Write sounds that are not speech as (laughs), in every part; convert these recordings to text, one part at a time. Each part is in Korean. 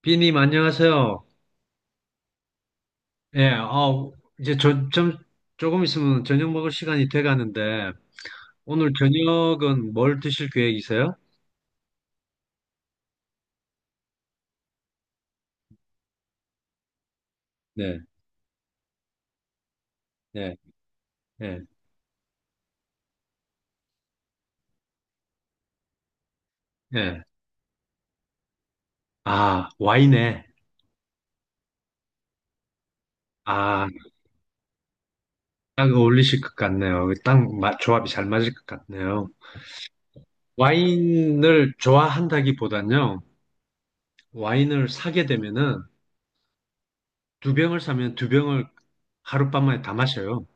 비님, 안녕하세요. 예, 이제 저, 좀, 조금 있으면 저녁 먹을 시간이 돼 가는데, 오늘 저녁은 뭘 드실 계획이세요? 네, 네, 네, 네. 아, 와인에. 아, 딱 어울리실 것 같네요. 딱 조합이 잘 맞을 것 같네요. 와인을 좋아한다기보단요, 와인을 사게 되면은 두 병을 사면 두 병을 하룻밤만에 다 마셔요.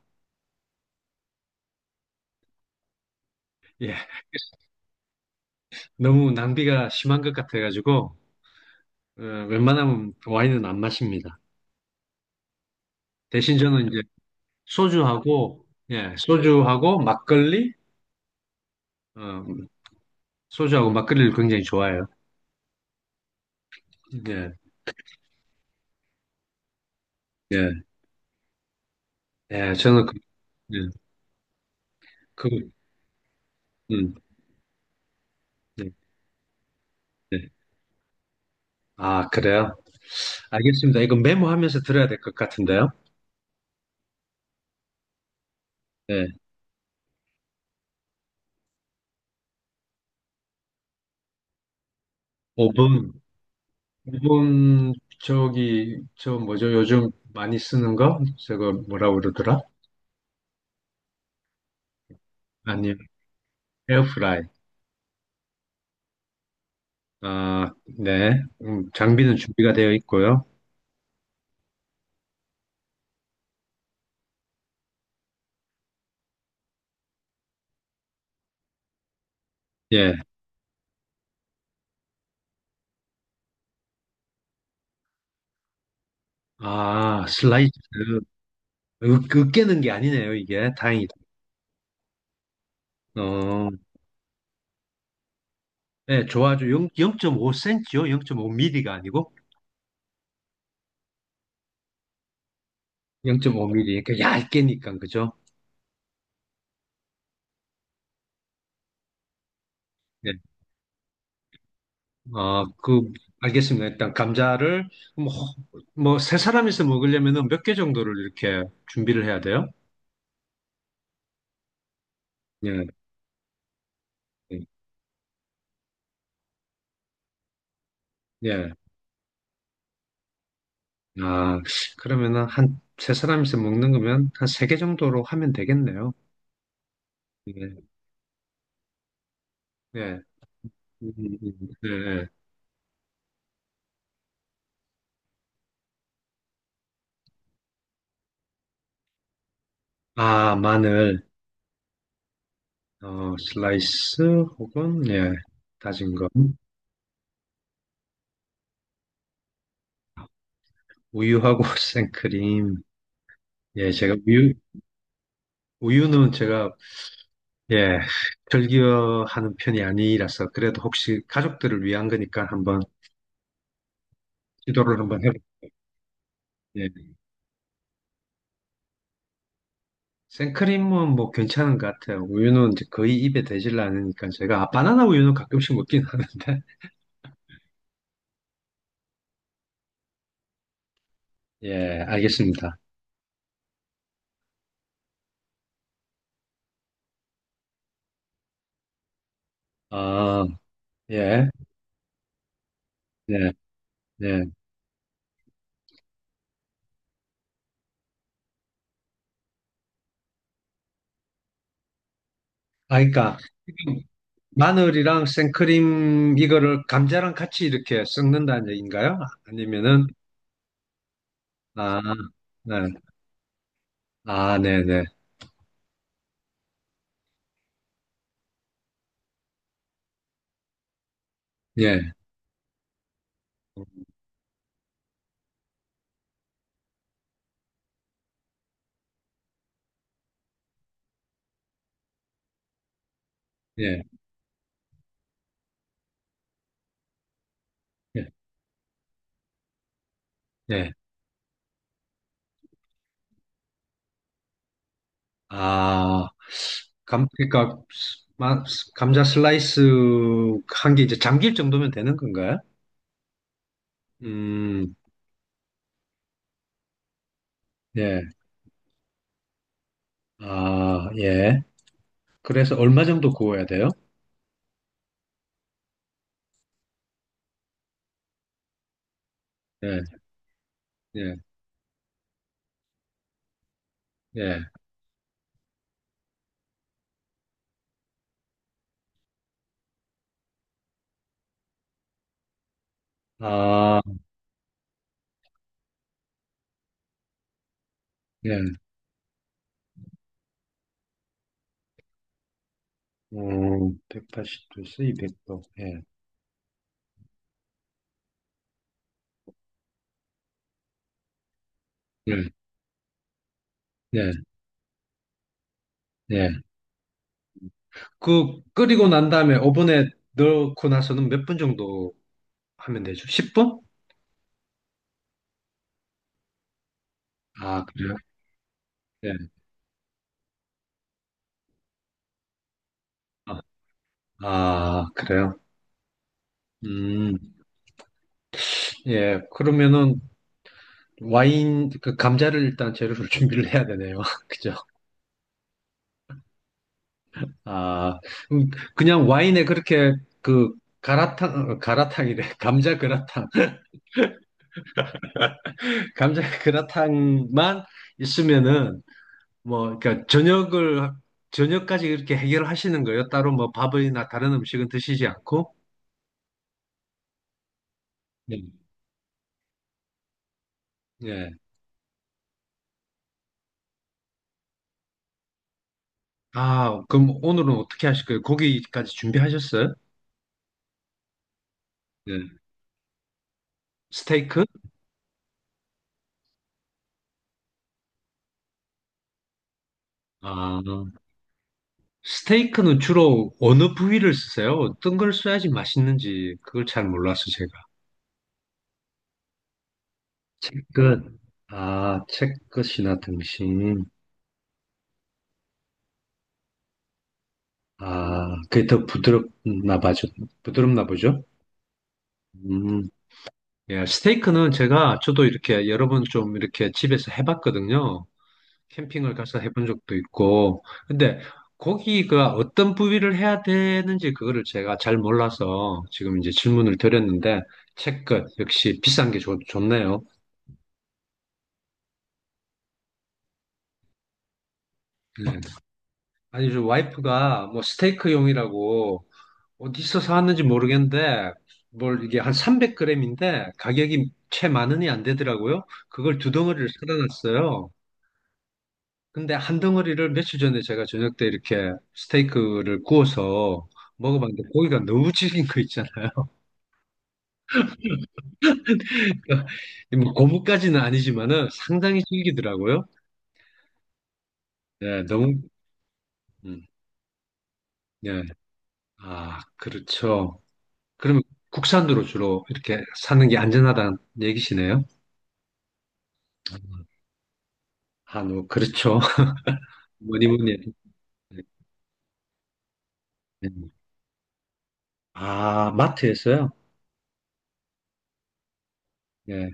예, 너무 낭비가 심한 것 같아가지고, 웬만하면 그 와인은 안 마십니다. 대신 저는 이제 소주하고, 예, 소주하고 막걸리, 어, 소주하고 막걸리를 굉장히 좋아해요. 예, 예, 예, 저는 그, 예, 그, 음, 예, 예. 아, 그래요? 알겠습니다. 이거 메모하면서 들어야 될 것 같은데요. 예, 오 분 오 분. 저기, 저 뭐죠? 요즘 많이 쓰는 거? 저거 뭐라고 그러더라? 아니, 에어프라이. 아, 네. 장비는 준비가 되어 있고요. 예. 아, 슬라이스. 으, 으깨는 게 아니네요, 이게. 다행이다. 어, 네, 좋아요. 0, 5 c m 요. 0.5mm가 아니고? 0.5mm. 그러니까 얇게니까, 그죠? 네. 어, 그, 알겠습니다. 일단, 감자를, 뭐, 뭐, 세 사람이서 먹으려면 몇 개 정도를 이렇게 준비를 해야 돼요? 예, 예. 예. 아, 그러면은 한, 세 사람이서 먹는 거면 한 세 개 정도로 하면 되겠네요. 예, 예. 예, 예. 아, 마늘. 어, 슬라이스 혹은 예, 다진 거. 우유하고 (laughs) 생크림. 예, 제가 우유, 우유는 제가, 예, 즐겨하는 편이 아니라서 그래도 혹시 가족들을 위한 거니까 한번 시도를 한번 해. 예. 생크림은 뭐 괜찮은 것 같아요. 우유는 이제 거의 입에 대질 않으니까 제가, 아, 바나나 우유는 가끔씩 먹긴 하는데. (laughs) 예, 알겠습니다. 아, 예, 예, 예. 아, 그러니까 마늘이랑 생크림 이거를 감자랑 같이 이렇게 섞는다는 얘기인가요? 아니면은 아, 네. 아, 네, 네. 예. 예. 예. 예. 아, 감 그러니까 마- 감자 슬라이스 한 게 이제 잠길 정도면 되는 건가요? 음. 예. 아, 예. 그래서 얼마 정도 구워야 돼요? 예. 예. 예. 아, 예. 180도에서 200도. 예. 예. 예. 예. 그 끓이고 난 다음에 오븐에 넣고 나서는 몇 분 정도 하면 되죠? 10분? 아, 그래요? 예. 아, 아, 그래요? 음, 예. 그러면은 와인, 그 감자를 일단 재료를 (laughs) 준비를 해야 되네요. (laughs) 그죠? 아, 음, 그냥 와인에 그렇게 그 가라탕, 어, 가라탕이래. (laughs) 감자 그라탕. (laughs) 감자 그라탕만 있으면은 뭐, 그러니까 저녁을, 저녁까지 이렇게 해결하시는 거예요? 따로 뭐 밥이나 다른 음식은 드시지 않고? 네. 예. 아, 그럼 오늘은 어떻게 하실 거예요? 고기까지 준비하셨어요? 네. 스테이크? 아, 스테이크는 주로 어느 부위를 쓰세요? 어떤 걸 써야지 맛있는지 그걸 잘 몰라서 제가. 채끝. 아, 채끝이나 등심. 아, 그게 더 부드럽나 봐죠. 부드럽나 보죠? 음. 예, 스테이크는 제가 저도 이렇게 여러 번 좀 이렇게 집에서 해봤거든요. 캠핑을 가서 해본 적도 있고. 근데 고기가 어떤 부위를 해야 되는지 그거를 제가 잘 몰라서 지금 이제 질문을 드렸는데 채끝 역시 비싼 게 좋네요. 네. 아니, 저 와이프가 뭐 스테이크용이라고 어디서 사왔는지 모르겠는데 뭘 이게 한 300g인데 가격이 채 만 원이 안 되더라고요. 그걸 두 덩어리를 사다 놨어요. 근데 한 덩어리를 며칠 전에 제가 저녁 때 이렇게 스테이크를 구워서 먹어봤는데 고기가 너무 질긴 거 있잖아요. (laughs) 뭐 고무까지는 아니지만은 상당히 질기더라고요. 예, 너무 음, 예. 아, 그렇죠. 그러면 국산으로 주로 이렇게 사는 게 안전하다는 얘기시네요. 음, 한우, 그렇죠. (laughs) 뭐니 뭐니 해도. 예. 아, 마트에서요? 예,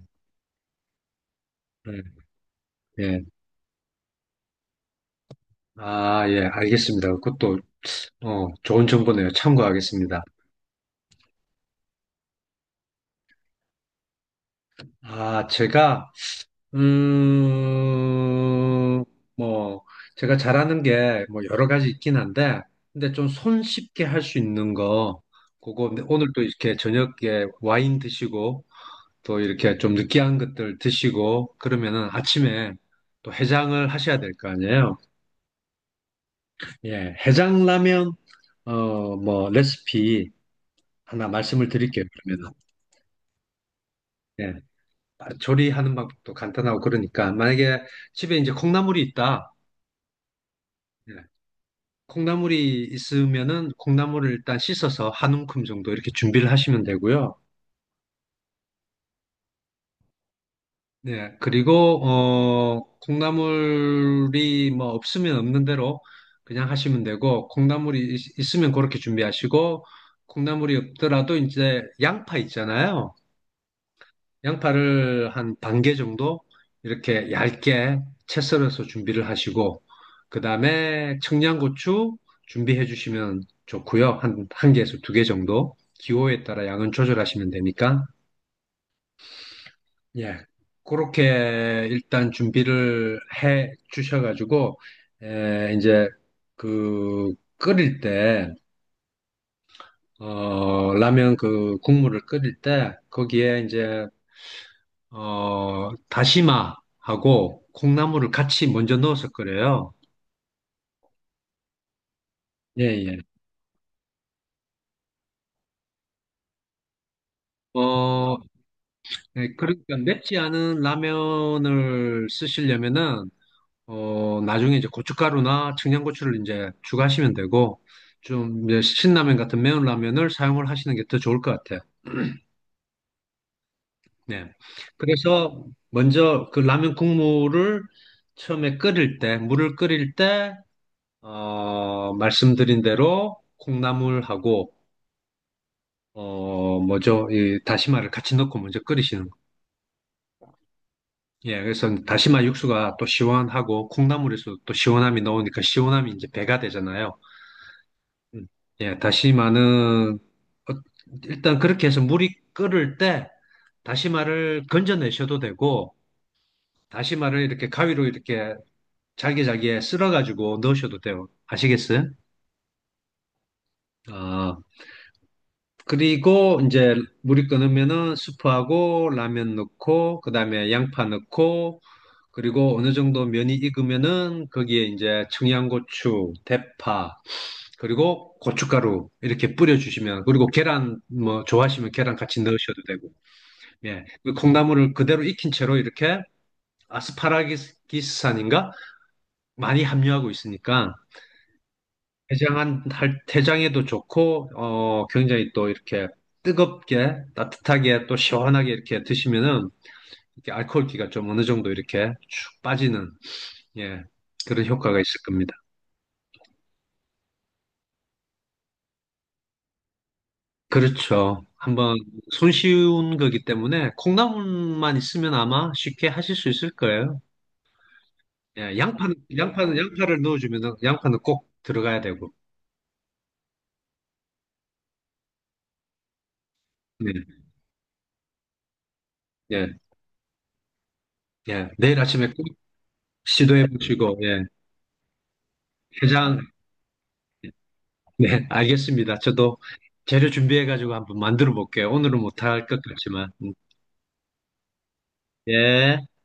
예, 예. 아, 예, 알겠습니다. 그것도, 좋은 정보네요. 참고하겠습니다. 아, 제가, 음, 뭐, 제가 잘하는 게 뭐 여러 가지 있긴 한데, 근데 좀 손쉽게 할 수 있는 거, 그거 근데 오늘 또 이렇게 저녁에 와인 드시고, 또 이렇게 좀 느끼한 것들 드시고, 그러면은 아침에 또 해장을 하셔야 될 거 아니에요? 예, 해장라면, 레시피 하나 말씀을 드릴게요, 그러면은. 예, 아, 조리하는 방법도 간단하고 그러니까, 만약에 집에 이제 콩나물이 있다. 네. 콩나물이 있으면은 콩나물을 일단 씻어서 한 움큼 정도 이렇게 준비를 하시면 되고요. 네. 그리고 콩나물이 뭐 없으면 없는 대로 그냥 하시면 되고, 콩나물이 있으면 그렇게 준비하시고, 콩나물이 없더라도 이제 양파 있잖아요. 양파를 한 반개 정도 이렇게 얇게 채 썰어서 준비를 하시고, 그 다음에 청양고추 준비해 주시면 좋고요. 한, 한 개에서 두 개 정도. 기호에 따라 양은 조절하시면 되니까. 예. 그렇게 일단 준비를 해 주셔가지고, 이제 그 끓일 때, 라면 그 국물을 끓일 때, 거기에 이제 다시마하고 콩나물을 같이 먼저 넣어서 끓여요. 예, 예. 어, 네, 그러니까 맵지 않은 라면을 쓰시려면은, 나중에 이제 고춧가루나 청양고추를 이제 추가하시면 되고, 좀 이제 신라면 같은 매운 라면을 사용을 하시는 게 더 좋을 것 같아요. 네. 그래서 먼저 그 라면 국물을 처음에 끓일 때, 물을 끓일 때, 말씀드린 대로 콩나물하고 어, 뭐죠? 이 다시마를 같이 넣고 먼저 끓이시는 거. 예, 그래서 다시마 육수가 또 시원하고 콩나물에서 또 시원함이 나오니까 시원함이 이제 배가 되잖아요. 음. 예, 다시마는 일단 그렇게 해서 물이 끓을 때 다시마를 건져내셔도 되고 다시마를 이렇게 가위로 이렇게 잘게 잘게 쓸어가지고 넣으셔도 돼요. 아시겠어요? 아. 그리고 이제 물이 끓으면은 수프하고 라면 넣고 그다음에 양파 넣고 그리고 어느 정도 면이 익으면은 거기에 이제 청양고추, 대파, 그리고 고춧가루 이렇게 뿌려주시면, 그리고 계란 뭐 좋아하시면 계란 같이 넣으셔도 되고. 예. 그 콩나물을 그대로 익힌 채로 이렇게 아스파라기스산인가 많이 함유하고 있으니까 대장한 할 대장에도 좋고, 어 굉장히 또 이렇게 뜨겁게 따뜻하게 또 시원하게 이렇게 드시면은 이렇게 알코올기가 좀 어느 정도 이렇게 쭉 빠지는, 예, 그런 효과가 있을 겁니다. 그렇죠. 한번 손쉬운 거기 때문에 콩나물만 있으면 아마 쉽게 하실 수 있을 거예요. 예, 양파는 양파를 넣어주면은 양파는 꼭 들어가야 되고. 네, 예, 예. 내일 아침에 꼭 시도해 보시고, 예, 해장. 네, 알겠습니다. 저도 재료 준비해가지고 한번 만들어 볼게요. 오늘은 못할 것 같지만. 예.